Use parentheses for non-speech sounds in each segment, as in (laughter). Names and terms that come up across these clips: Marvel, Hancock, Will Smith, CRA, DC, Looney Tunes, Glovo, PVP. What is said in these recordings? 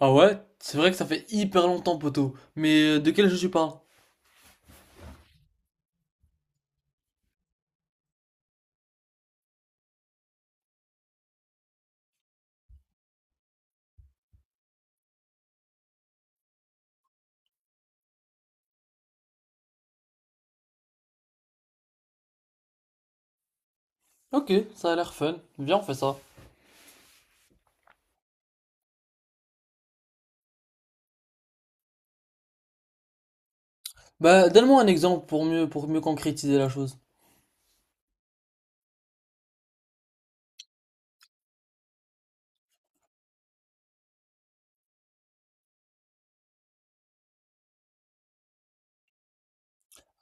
Ah ouais? C'est vrai que ça fait hyper longtemps, poto. Mais de quel jeu tu parles? Ok, ça a l'air fun. Viens, on fait ça. Bah, donne-moi un exemple pour pour mieux concrétiser la chose.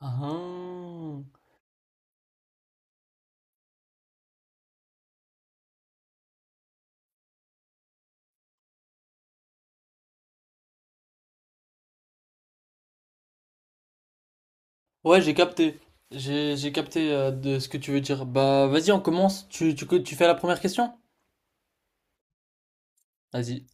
Ah. Ouais, j'ai capté. J'ai capté de ce que tu veux dire. Bah, vas-y, on commence. Tu fais la première question? Vas-y.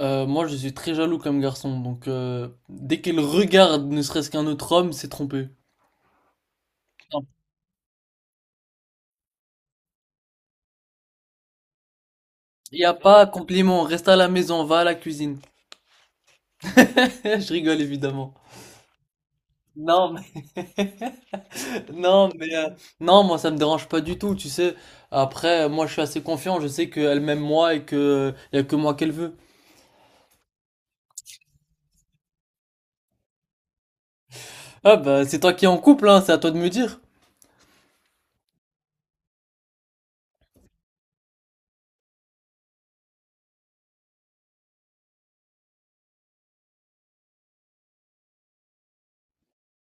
Moi, je suis très jaloux comme garçon, donc dès qu'elle regarde ne serait-ce qu'un autre homme, c'est trompé. Il n'y a pas compliment, reste à la maison, va à la cuisine. (laughs) Je rigole évidemment. Non, mais... Non, mais euh, non, moi ça me dérange pas du tout, tu sais. Après, moi je suis assez confiant, je sais qu'elle m'aime moi et que y a que moi qu'elle veut. Ah bah c'est toi qui es en couple, hein, c'est à toi de me dire.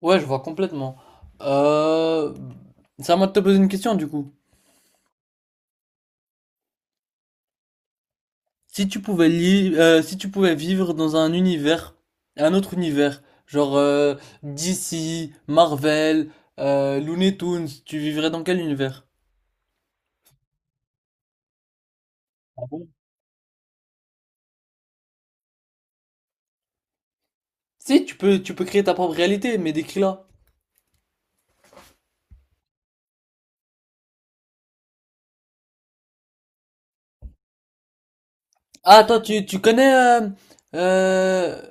Ouais, je vois complètement. Euh... C'est à moi de te poser une question du coup. Si tu pouvais vivre dans un univers, un autre univers, genre DC, Marvel, Looney Tunes, tu vivrais dans quel univers? Ah bon. Si, tu peux créer ta propre réalité, mais décris-la. Ah, toi, tu connais euh,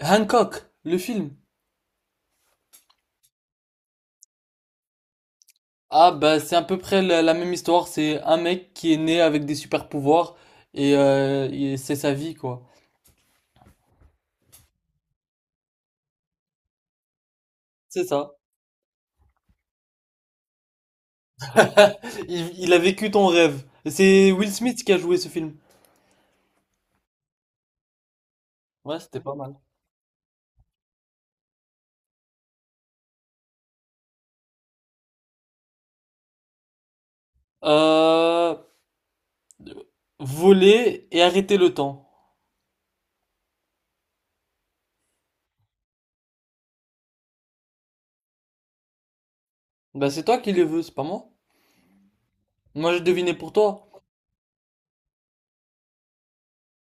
Hancock, le film? Ah, bah, c'est à peu près la même histoire. C'est un mec qui est né avec des super pouvoirs et c'est sa vie, quoi. C'est ça. Il a vécu ton rêve. C'est Will Smith qui a joué ce film. Ouais, c'était pas mal. Euh, Voler et arrêter le temps. Bah, c'est toi qui les veux, c'est pas moi. Moi, j'ai deviné pour toi.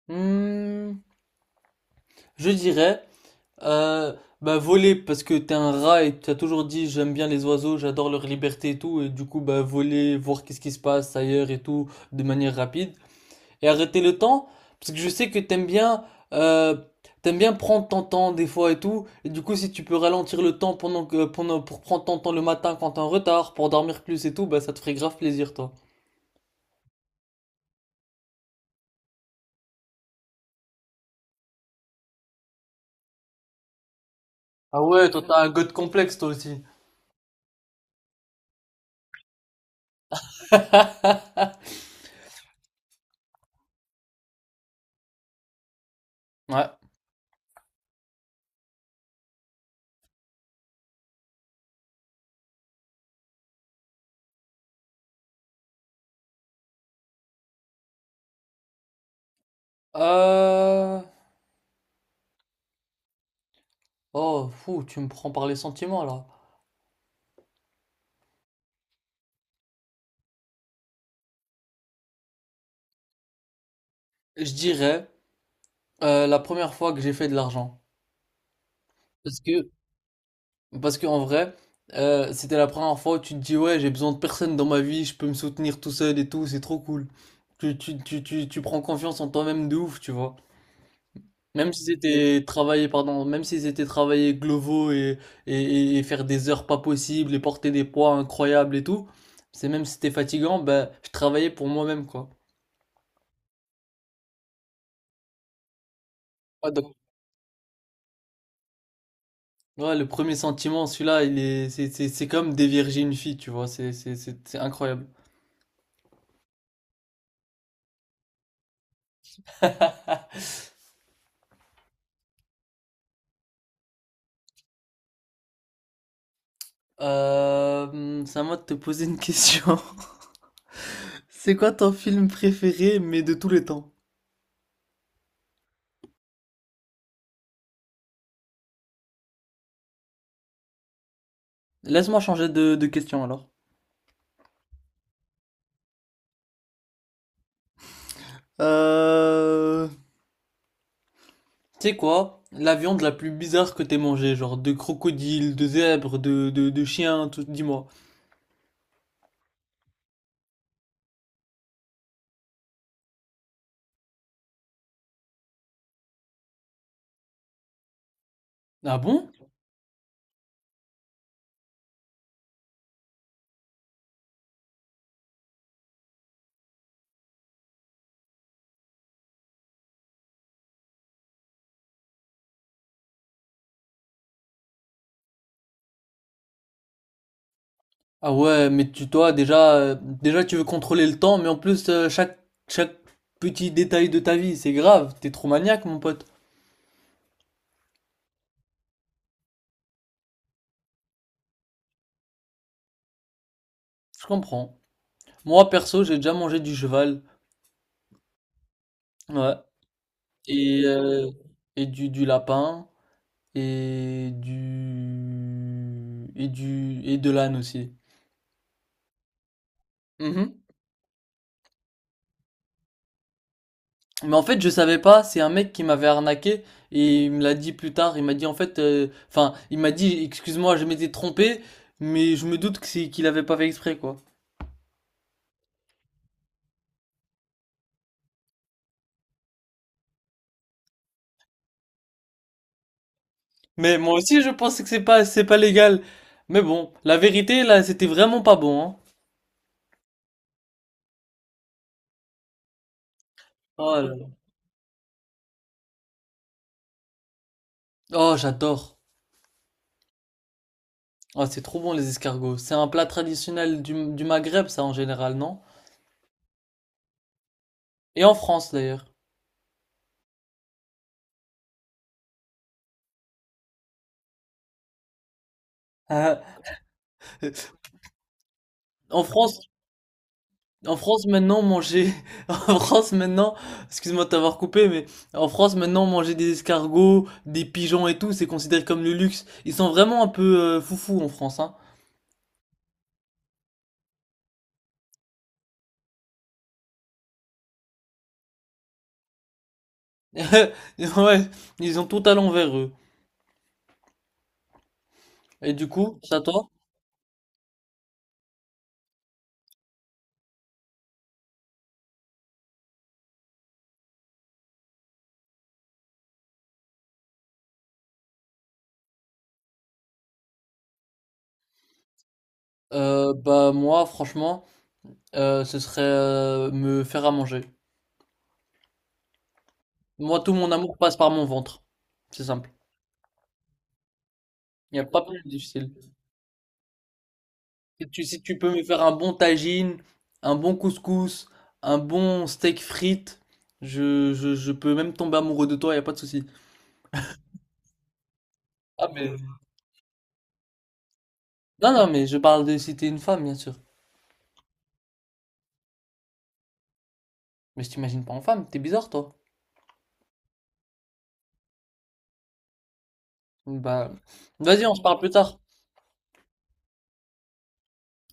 Hmm, je dirais. Euh, Bah voler parce que t'es un rat et t'as toujours dit j'aime bien les oiseaux, j'adore leur liberté et tout et du coup bah voler, voir qu'est-ce qui se passe ailleurs et tout de manière rapide et arrêter le temps parce que je sais que euh, t'aimes bien prendre ton temps des fois et tout et du coup si tu peux ralentir le temps pendant que pendant pour prendre ton temps le matin quand t'es en retard pour dormir plus et tout bah ça te ferait grave plaisir toi. Ah ouais, toi t'as un god complexe toi aussi. (laughs) Ouais. Euh... Oh, fou, tu me prends par les sentiments là. Je dirais la première fois que j'ai fait de l'argent. Parce que, parce que en vrai, c'était la première fois où tu te dis, ouais, j'ai besoin de personne dans ma vie, je peux me soutenir tout seul et tout, c'est trop cool. Tu prends confiance en toi-même de ouf, tu vois. Même si c'était travailler glovo et faire des heures pas possibles et porter des poids incroyables et tout, c'est même si c'était fatigant, ben, je travaillais pour moi-même, quoi. Ouais, donc ouais, le premier sentiment, celui-là, il est, c'est comme dévierger une fille, tu vois, c'est incroyable. C'est à moi de te poser une question. (laughs) C'est quoi ton film préféré, mais de tous les temps? Laisse-moi changer de question alors. Euh, Tu sais quoi? La viande la plus bizarre que t'aies mangée, genre de crocodile, de zèbre, de chien, tout, dis-moi. Ah bon? Ah ouais, mais tu toi déjà, déjà tu veux contrôler le temps, mais en plus euh, chaque petit détail de ta vie, c'est grave, t'es trop maniaque mon pote. Je comprends. Moi perso, j'ai déjà mangé du cheval, ouais, et et du lapin et de l'âne aussi. Mhm. Mais en fait, je savais pas, c'est un mec qui m'avait arnaqué et il me l'a dit plus tard, il m'a dit en fait enfin, il m'a dit excuse-moi, je m'étais trompé, mais je me doute que c'est qu'il avait pas fait exprès quoi. Mais moi aussi, je pense que c'est pas légal. Mais bon, la vérité, là, c'était vraiment pas bon, hein. Oh là là. Oh, j'adore. Oh, c'est trop bon, les escargots. C'est un plat traditionnel du Maghreb, ça, en général, non? Et en France, d'ailleurs. Ah, euh, En France, en France, maintenant, manger, (laughs) en France, maintenant, excuse-moi de t'avoir coupé, mais en France, maintenant, manger des escargots, des pigeons et tout, c'est considéré comme le luxe. Ils sont vraiment un peu foufous en France, hein. (laughs) Ouais, ils ont tout à l'envers, eux. Et du coup, ça toi? Bah moi, franchement, ce serait me faire à manger. Moi, tout mon amour passe par mon ventre. C'est simple. Il n'y a pas plus difficile. Si tu peux me faire un bon tagine, un bon couscous, un bon steak frites, je peux même tomber amoureux de toi, il n'y a pas de souci. Ah mais... Non, non, mais je parle de si t'es une femme, bien sûr. Mais je t'imagine pas en femme, t'es bizarre, toi. Bah, vas-y, on se parle plus tard.